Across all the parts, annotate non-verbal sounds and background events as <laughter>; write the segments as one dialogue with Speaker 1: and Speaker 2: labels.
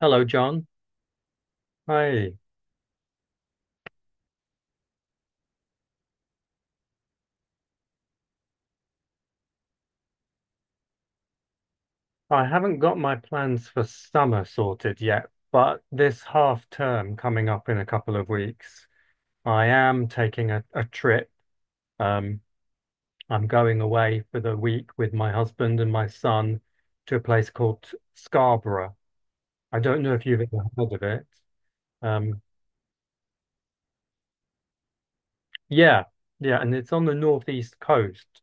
Speaker 1: Hello, John. Hi. I haven't got my plans for summer sorted yet, but this half term coming up in a couple of weeks, I am taking a trip. Um, I'm going away for the week with my husband and my son to a place called Scarborough. I don't know if you've ever heard of it. Um, yeah, yeah, and it's on the northeast coast.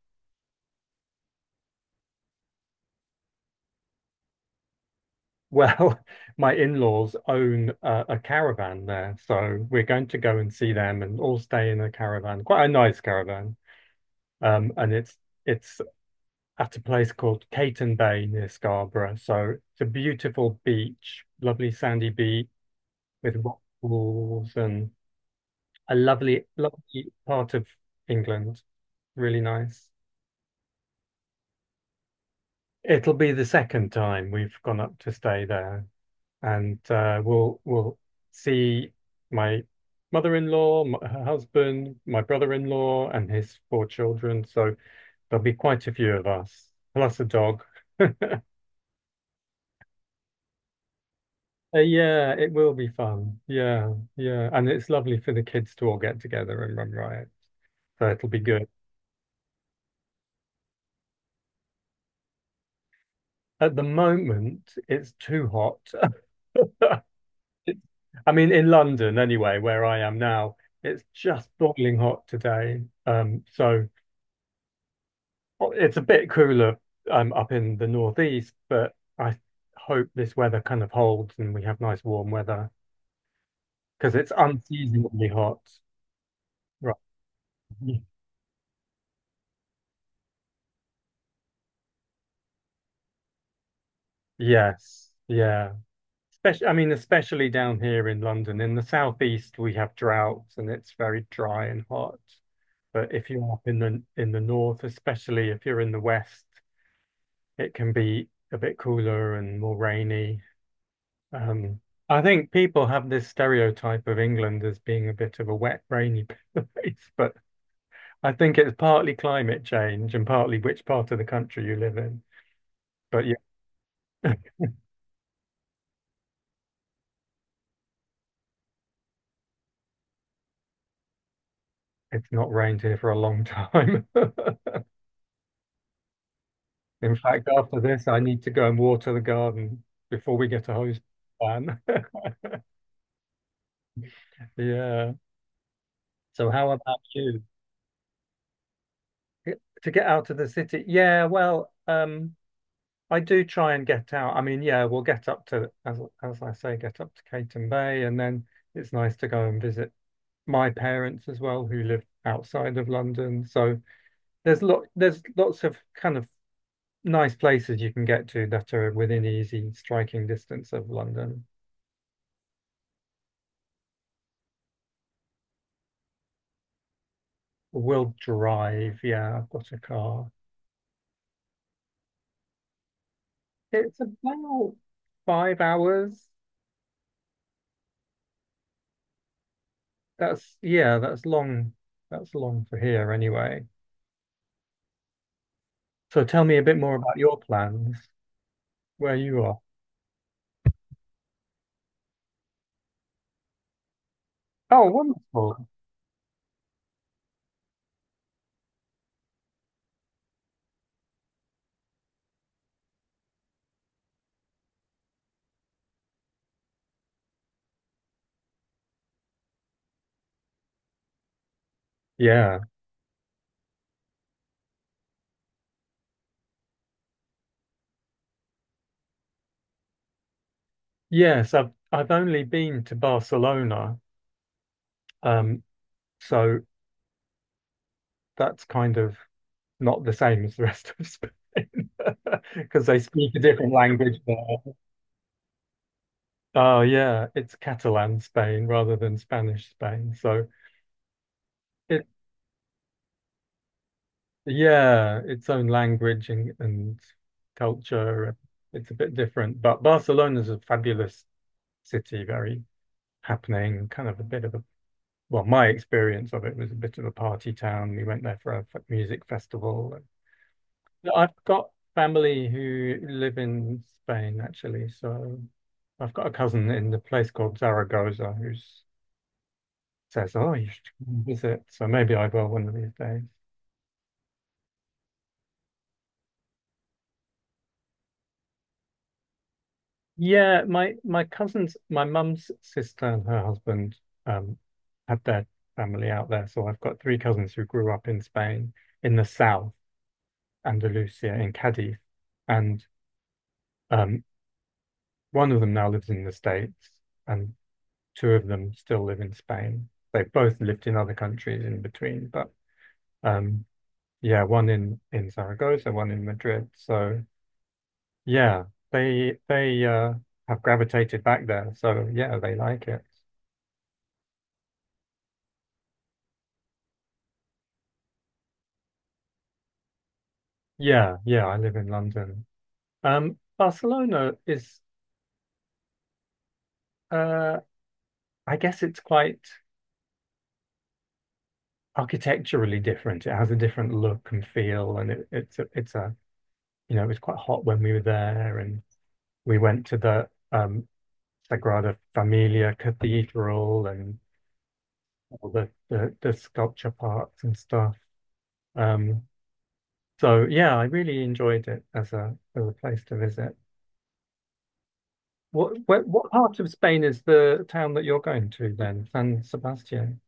Speaker 1: Well, <laughs> my in-laws own a caravan there, so we're going to go and see them and all stay in a caravan, quite a nice caravan. And it's at a place called Caton Bay near Scarborough. So it's a beautiful beach, lovely sandy beach with rock pools and a lovely, lovely part of England. Really nice. It'll be the second time we've gone up to stay there. And we'll see my mother-in-law, m her husband, my brother-in-law, and his four children. So there'll be quite a few of us, plus a dog. Yeah, it will be fun. Yeah, yeah, and it's lovely for the kids to all get together and run riot. So it'll be good. At the moment, it's too hot. <laughs> It's- I mean, in London anyway, where I am now, it's just boiling hot today. Well, it's a bit cooler up in the northeast, but I hope this weather kind of holds and we have nice warm weather because it's unseasonably hot. Right. Yes. Yeah. Especially, I mean, especially down here in London. In the southeast, we have droughts and it's very dry and hot. But if you're up in the north, especially if you're in the west, it can be a bit cooler and more rainy. Um, I think people have this stereotype of England as being a bit of a wet, rainy <laughs> place, but I think it's partly climate change and partly which part of the country you live in. But yeah, <laughs> it's not rained here for a long time. <laughs> In fact, after this, I need to go and water the garden before we get a hose ban. <laughs> Yeah. So how about you? To get out of the city? Yeah, well, I do try and get out. I mean, yeah, we'll get up to, as I say, get up to Caton Bay, and then it's nice to go and visit my parents as well, who live outside of London. So there's lots of kind of nice places you can get to that are within easy striking distance of London. We'll drive. Yeah, I've got a car. It's about five hours. That's Yeah, that's long. That's long for here anyway. So tell me a bit more about your plans, where you are. Oh, wonderful. Yeah. Yes, I've only been to Barcelona. Um, so that's kind of not the same as the rest of Spain <laughs> because they speak a different language there. Oh yeah, it's Catalan Spain rather than Spanish Spain. So it yeah, its own language and culture. It's a bit different. But Barcelona's a fabulous city, very happening, kind of a bit of a well, my experience of it was a bit of a party town. We went there for a music festival. I've got family who live in Spain, actually. So I've got a cousin in the place called Zaragoza who says, "Oh, you should visit." So maybe I will one of these days. Yeah, my cousins, my mum's sister and her husband um, had their family out there. So I've got three cousins who grew up in Spain, in the south, Andalusia, in Cadiz, and um, one of them now lives in the States, and two of them still live in Spain. They've both lived in other countries in between, but um, yeah, one in Zaragoza, one in Madrid. So yeah, they have gravitated back there. So yeah, they like it. Yeah, yeah, I live in London. Barcelona is, uh, I guess it's quite architecturally different. It has a different look and feel, and it, it's a, you know, it was quite hot when we were there, and we went to the Sagrada Familia Cathedral and all the sculpture parks and stuff. Um, so yeah, I really enjoyed it as a place to visit. What part of Spain is the town that you're going to then? San Sebastian.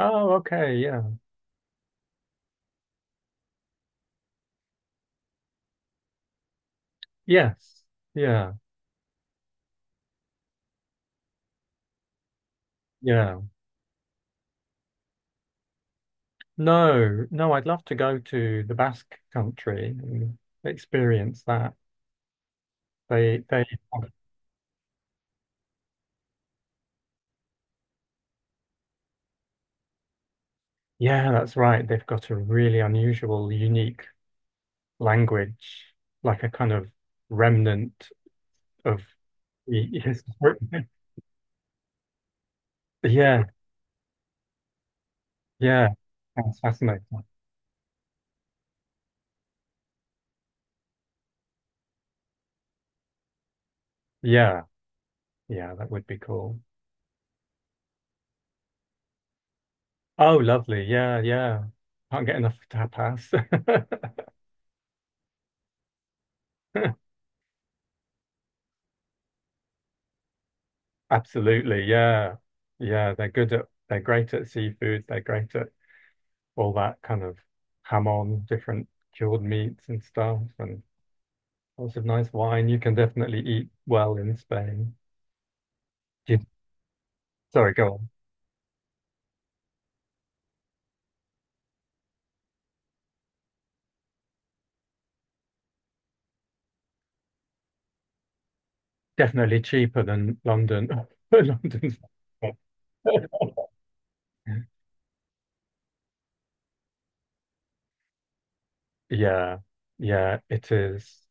Speaker 1: Oh, okay, yeah. Yes. Yeah. Yeah. No, no, I'd love to go to the Basque country and experience that. They have Yeah, that's right. They've got a really unusual, unique language, like a kind of remnant of the historic. <laughs> Yeah, yeah. That's fascinating. Yeah, yeah, that would be cool. Oh, lovely. Yeah, yeah. Can't get enough tapas. <laughs> Absolutely. Yeah. Yeah, they're great at seafood, they're great at all that kind of ham on, different cured meats and stuff and lots of nice wine. You can definitely eat well in Spain. You- Sorry, go on. Definitely cheaper than London. <laughs> London's. <laughs> Yeah, yeah, it is.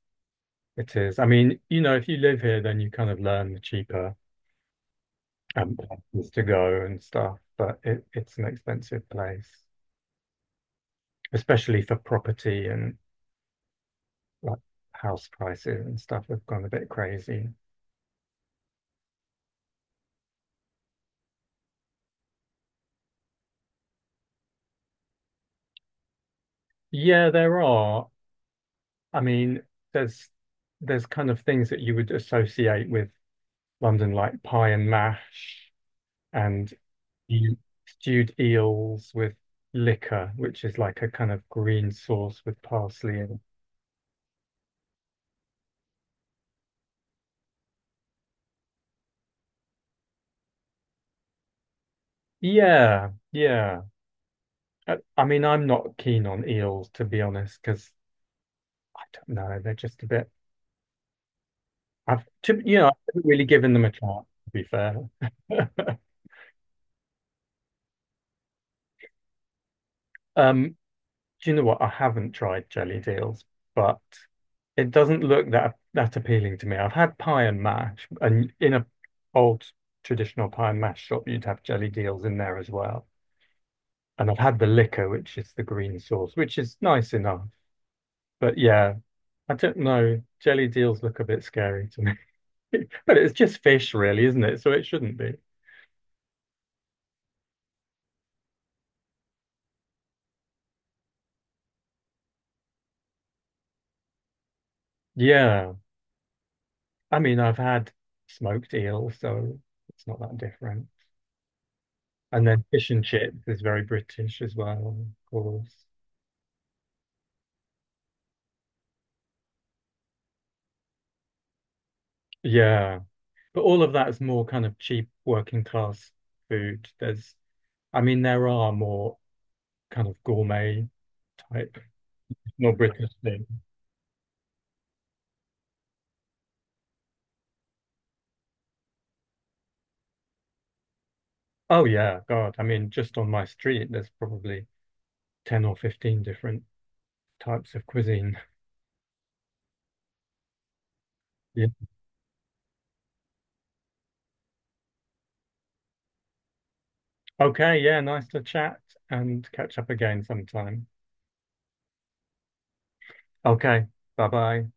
Speaker 1: It is. I mean, you know, if you live here, then you kind of learn the cheaper places to go and stuff. But it's an expensive place, especially for property and like house prices and stuff have gone a bit crazy. Yeah, there are. I mean, there's there's kind of things that you would associate with London, like pie and mash and mm, stewed eels with liquor, which is like a kind of green sauce with parsley and yeah, yeah. I mean, I'm not keen on eels to be honest, because I don't know, they're just a bit. I've to You know, I haven't really given them a chance to be fair. <laughs> Um, Do you know what? I haven't tried jelly deals, but it doesn't look that appealing to me. I've had pie and mash, and in a old traditional pie and mash shop, you'd have jelly deals in there as well. And I've had the liquor, which is the green sauce, which is nice enough. But yeah, I don't know. Jelly deals look a bit scary to me. <laughs> But it's just fish, really, isn't it? So it shouldn't be. Yeah. I mean, I've had smoked eel, so it's not that different. And then fish and chips is very British as well, of course. Yeah. But all of that is more kind of cheap working class food. I mean, there are more kind of gourmet type, more British things. Oh, yeah. God. I mean, just on my street, there's probably 10 or 15 different types of cuisine. Yeah. Okay. Yeah. Nice to chat and catch up again sometime. Okay. Bye bye.